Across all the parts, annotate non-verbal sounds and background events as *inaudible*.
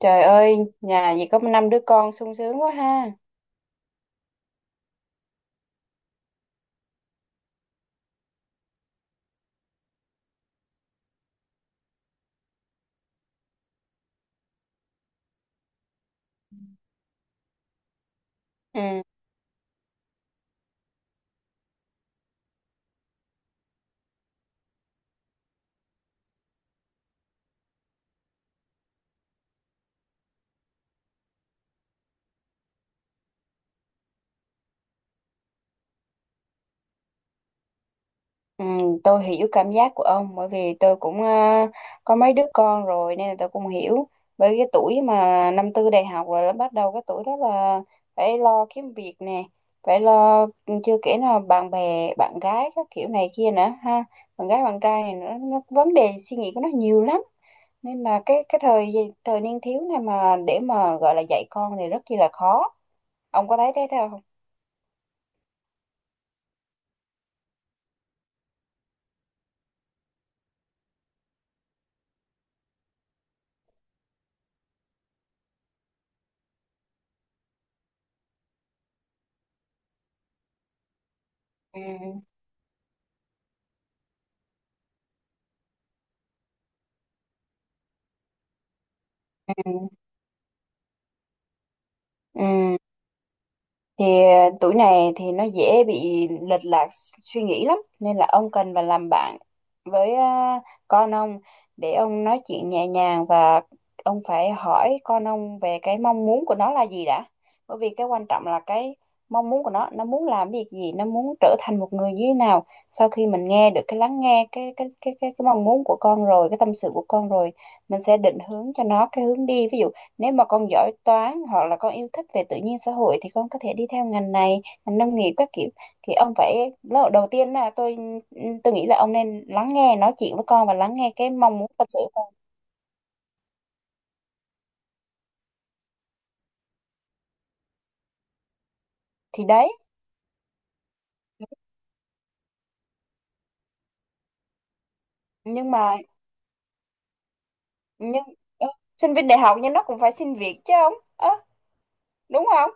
Trời ơi, nhà gì có năm đứa con sung sướng quá ha. Ừ, ừ, tôi hiểu cảm giác của ông bởi vì tôi cũng có mấy đứa con rồi nên là tôi cũng hiểu. Bởi cái tuổi mà năm tư đại học rồi là bắt đầu cái tuổi đó là phải lo kiếm việc nè, phải lo ừ, chưa kể là bạn bè, bạn gái các kiểu này kia nữa ha. Bạn gái bạn trai này nữa, nó vấn đề suy nghĩ của nó nhiều lắm. Nên là cái thời thời niên thiếu này mà để mà gọi là dạy con thì rất chi là khó. Ông có thấy thế theo không? Ừ. Ừ. Ừ. Thì tuổi này thì nó dễ bị lệch lạc suy nghĩ lắm nên là ông cần phải làm bạn với con ông để ông nói chuyện nhẹ nhàng và ông phải hỏi con ông về cái mong muốn của nó là gì đã, bởi vì cái quan trọng là cái mong muốn của nó muốn làm việc gì, nó muốn trở thành một người như thế nào. Sau khi mình nghe được cái lắng nghe cái mong muốn của con rồi, cái tâm sự của con rồi, mình sẽ định hướng cho nó cái hướng đi. Ví dụ nếu mà con giỏi toán hoặc là con yêu thích về tự nhiên xã hội thì con có thể đi theo ngành này, ngành nông nghiệp các kiểu. Thì ông phải lúc đầu tiên là tôi nghĩ là ông nên lắng nghe nói chuyện với con và lắng nghe cái mong muốn tâm sự của con. Thì đấy, nhưng mà nhưng ơ, sinh viên đại học nhưng nó cũng phải xin việc chứ ông. Đúng không?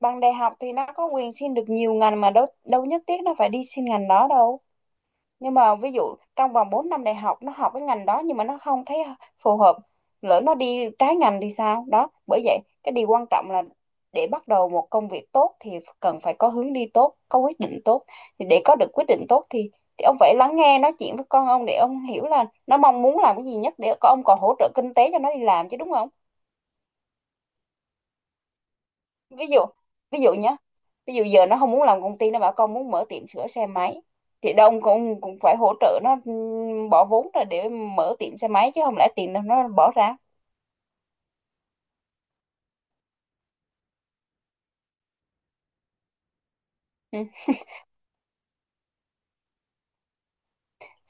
Bằng đại học thì nó có quyền xin được nhiều ngành mà, đâu đâu nhất thiết nó phải đi xin ngành đó đâu. Nhưng mà ví dụ trong vòng 4 năm đại học nó học cái ngành đó nhưng mà nó không thấy phù hợp, lỡ nó đi trái ngành thì sao? Đó bởi vậy cái điều quan trọng là để bắt đầu một công việc tốt thì cần phải có hướng đi tốt, có quyết định tốt. Thì để có được quyết định tốt thì ông phải lắng nghe nói chuyện với con ông để ông hiểu là nó mong muốn làm cái gì nhất, để con ông còn hỗ trợ kinh tế cho nó đi làm chứ, đúng không? Ví dụ, ví dụ nhé, ví dụ giờ nó không muốn làm công ty, nó bảo con muốn mở tiệm sửa xe máy thì đông cũng cũng phải hỗ trợ nó, bỏ vốn ra để mở tiệm xe máy chứ không lẽ tiền nó bỏ ra. Ừ.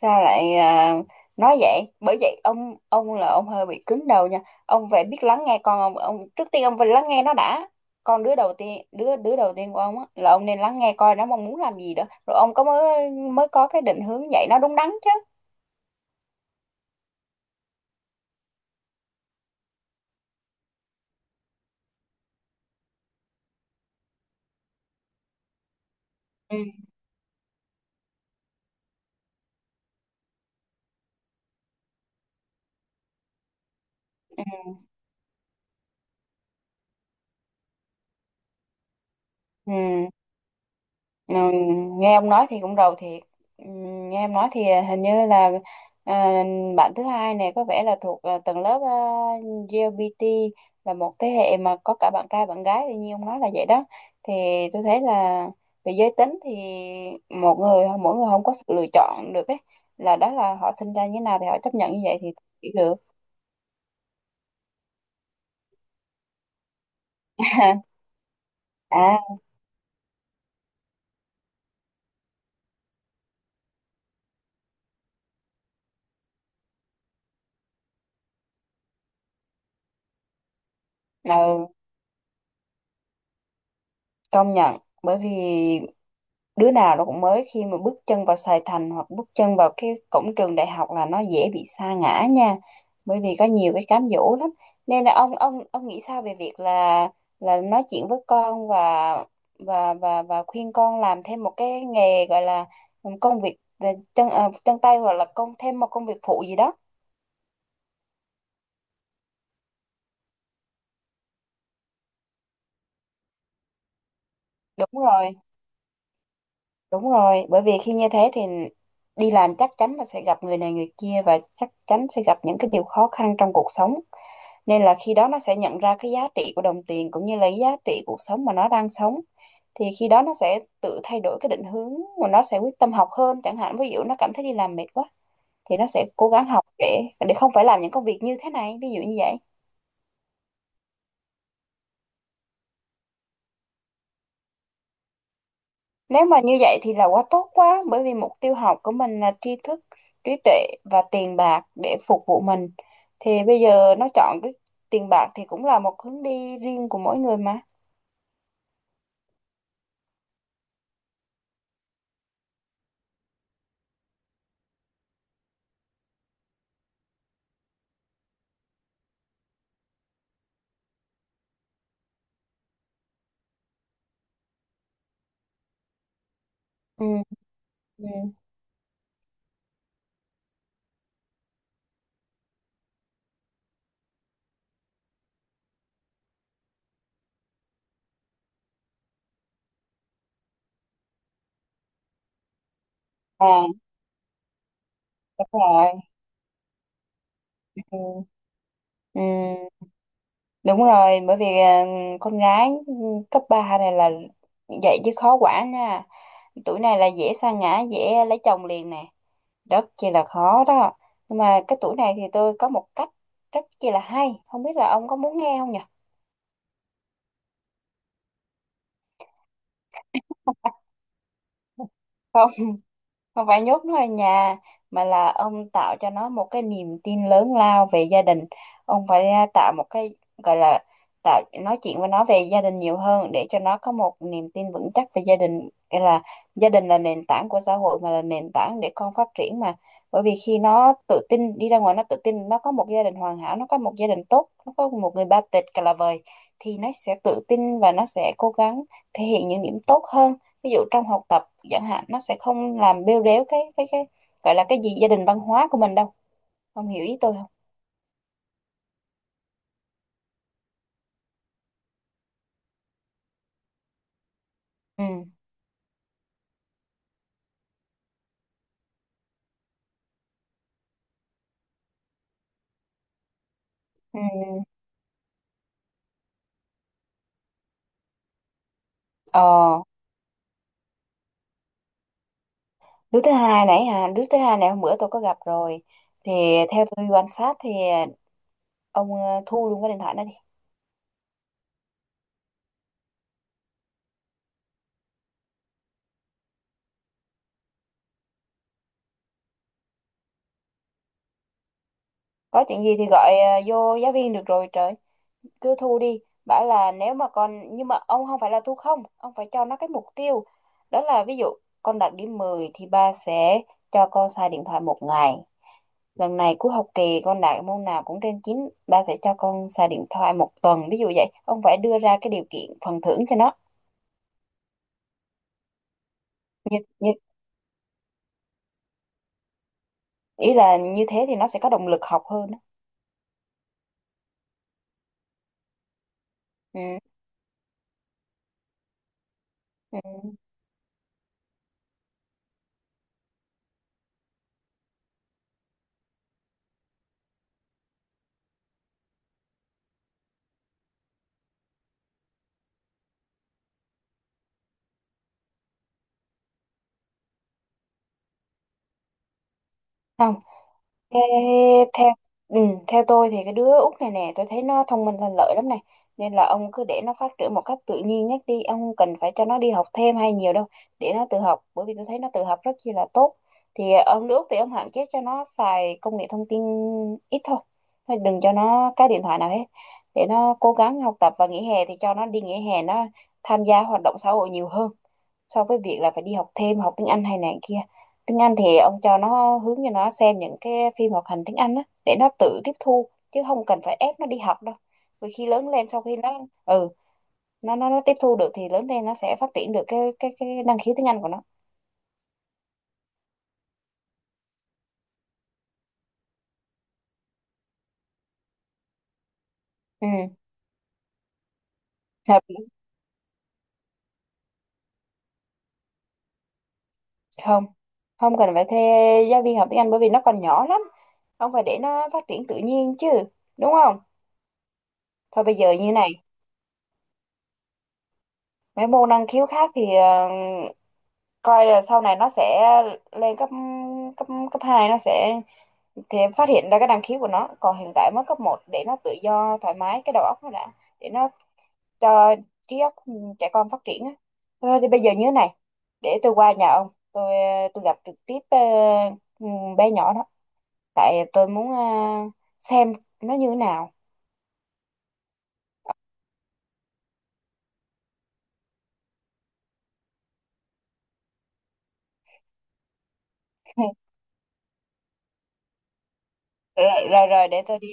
Sao lại nói vậy? Bởi vậy ông là ông hơi bị cứng đầu nha. Ông phải biết lắng nghe con ông trước tiên ông phải lắng nghe nó đã. Con đứa đầu tiên, đứa đứa đầu tiên của ông á, là ông nên lắng nghe coi nó mong muốn làm gì đó, rồi ông có mới mới có cái định hướng dạy nó đúng đắn chứ. Ừ. Ừ. Ừ, nghe ông nói thì cũng rầu thiệt. Ừ, nghe em nói thì hình như là à, bạn thứ hai này có vẻ là thuộc tầng lớp LGBT, là một thế hệ mà có cả bạn trai bạn gái thì như ông nói là vậy đó. Thì tôi thấy là về giới tính thì một người mỗi người không có sự lựa chọn được ấy, là đó là họ sinh ra như thế nào thì họ chấp nhận như vậy thì hiểu được. *laughs* À, ừ, công nhận. Bởi vì đứa nào nó cũng mới khi mà bước chân vào Sài Thành hoặc bước chân vào cái cổng trường đại học là nó dễ bị sa ngã nha, bởi vì có nhiều cái cám dỗ lắm. Nên là ông nghĩ sao về việc là nói chuyện với con và và khuyên con làm thêm một cái nghề, gọi là công việc chân chân tay, hoặc là công thêm một công việc phụ gì đó. Đúng rồi, đúng rồi, bởi vì khi như thế thì đi làm chắc chắn là sẽ gặp người này người kia, và chắc chắn sẽ gặp những cái điều khó khăn trong cuộc sống. Nên là khi đó nó sẽ nhận ra cái giá trị của đồng tiền, cũng như là cái giá trị cuộc sống mà nó đang sống. Thì khi đó nó sẽ tự thay đổi cái định hướng, mà nó sẽ quyết tâm học hơn chẳng hạn. Ví dụ nó cảm thấy đi làm mệt quá thì nó sẽ cố gắng học để không phải làm những công việc như thế này, ví dụ như vậy. Nếu mà như vậy thì là quá tốt quá, bởi vì mục tiêu học của mình là tri thức, trí tuệ và tiền bạc để phục vụ mình. Thì bây giờ nó chọn cái tiền bạc thì cũng là một hướng đi riêng của mỗi người mà. Ừ. Ừ. À, đúng rồi. Ừ. Ừ. Đúng rồi, bởi vì con gái ừ, cấp 3 này là vậy chứ khó quản nha. Tuổi này là dễ sa ngã, dễ lấy chồng liền nè. Rất chi là khó đó. Nhưng mà cái tuổi này thì tôi có một cách rất chi là hay. Không biết là ông có muốn nghe không nhỉ? Không, không phải nhốt nó ở nhà, mà là ông tạo cho nó một cái niềm tin lớn lao về gia đình. Ông phải tạo một cái gọi là tạo nói chuyện với nó về gia đình nhiều hơn, để cho nó có một niềm tin vững chắc về gia đình. Nghĩa là gia đình là nền tảng của xã hội mà, là nền tảng để con phát triển mà. Bởi vì khi nó tự tin đi ra ngoài, nó tự tin nó có một gia đình hoàn hảo, nó có một gia đình tốt, nó có một người ba tịch cả là vời, thì nó sẽ tự tin và nó sẽ cố gắng thể hiện những điểm tốt hơn. Ví dụ trong học tập chẳng hạn, nó sẽ không làm bêu rếu cái gọi là cái gì gia đình văn hóa của mình đâu. Không hiểu ý tôi không? Ừ. Ừ. ờ đứa thứ hai nãy hả, đứa thứ hai này hôm bữa tôi có gặp rồi. Thì theo tôi quan sát thì ông thu luôn cái điện thoại nó đi. Có chuyện gì thì gọi vô giáo viên được rồi trời. Cứ thu đi, bảo là nếu mà con, nhưng mà ông không phải là thu không, ông phải cho nó cái mục tiêu. Đó là ví dụ con đạt điểm 10 thì ba sẽ cho con xài điện thoại một ngày. Lần này cuối học kỳ con đạt môn nào cũng trên chín, ba sẽ cho con xài điện thoại một tuần, ví dụ vậy. Ông phải đưa ra cái điều kiện phần thưởng cho nó. Như, như ý là như thế thì nó sẽ có động lực học hơn á. Ừ. Ừ. Không. Ê, theo ừ, theo tôi thì cái đứa út này nè tôi thấy nó thông minh lanh lợi lắm này. Nên là ông cứ để nó phát triển một cách tự nhiên nhất đi, ông không cần phải cho nó đi học thêm hay nhiều đâu, để nó tự học. Bởi vì tôi thấy nó tự học rất chi là tốt. Thì ông đứa út thì ông hạn chế cho nó xài công nghệ thông tin, ít thôi. Thôi đừng cho nó cái điện thoại nào hết, để nó cố gắng học tập. Và nghỉ hè thì cho nó đi nghỉ hè, nó tham gia hoạt động xã hội nhiều hơn, so với việc là phải đi học thêm, học tiếng Anh hay này kia. Tiếng Anh thì ông cho nó hướng, cho nó xem những cái phim hoạt hình tiếng Anh á, để nó tự tiếp thu chứ không cần phải ép nó đi học đâu. Vì khi lớn lên sau khi nó ừ nó tiếp thu được thì lớn lên nó sẽ phát triển được cái năng khiếu tiếng Anh của nó. Ừ, hợp lý. Không, không cần phải thuê giáo viên học tiếng Anh, bởi vì nó còn nhỏ lắm. Ông phải để nó phát triển tự nhiên chứ, đúng không? Thôi bây giờ như này, mấy môn năng khiếu khác thì coi là sau này nó sẽ lên cấp, cấp hai nó sẽ thì em phát hiện ra cái năng khiếu của nó. Còn hiện tại mới cấp một, để nó tự do thoải mái cái đầu óc nó đã, để nó cho trí óc trẻ con phát triển á. Thôi thì bây giờ như thế này, để tôi qua nhà ông, tôi gặp trực tiếp ừ, bé nhỏ đó. Tại tôi muốn xem nó như thế nào. *laughs* Rồi rồi rồi, để tôi đi.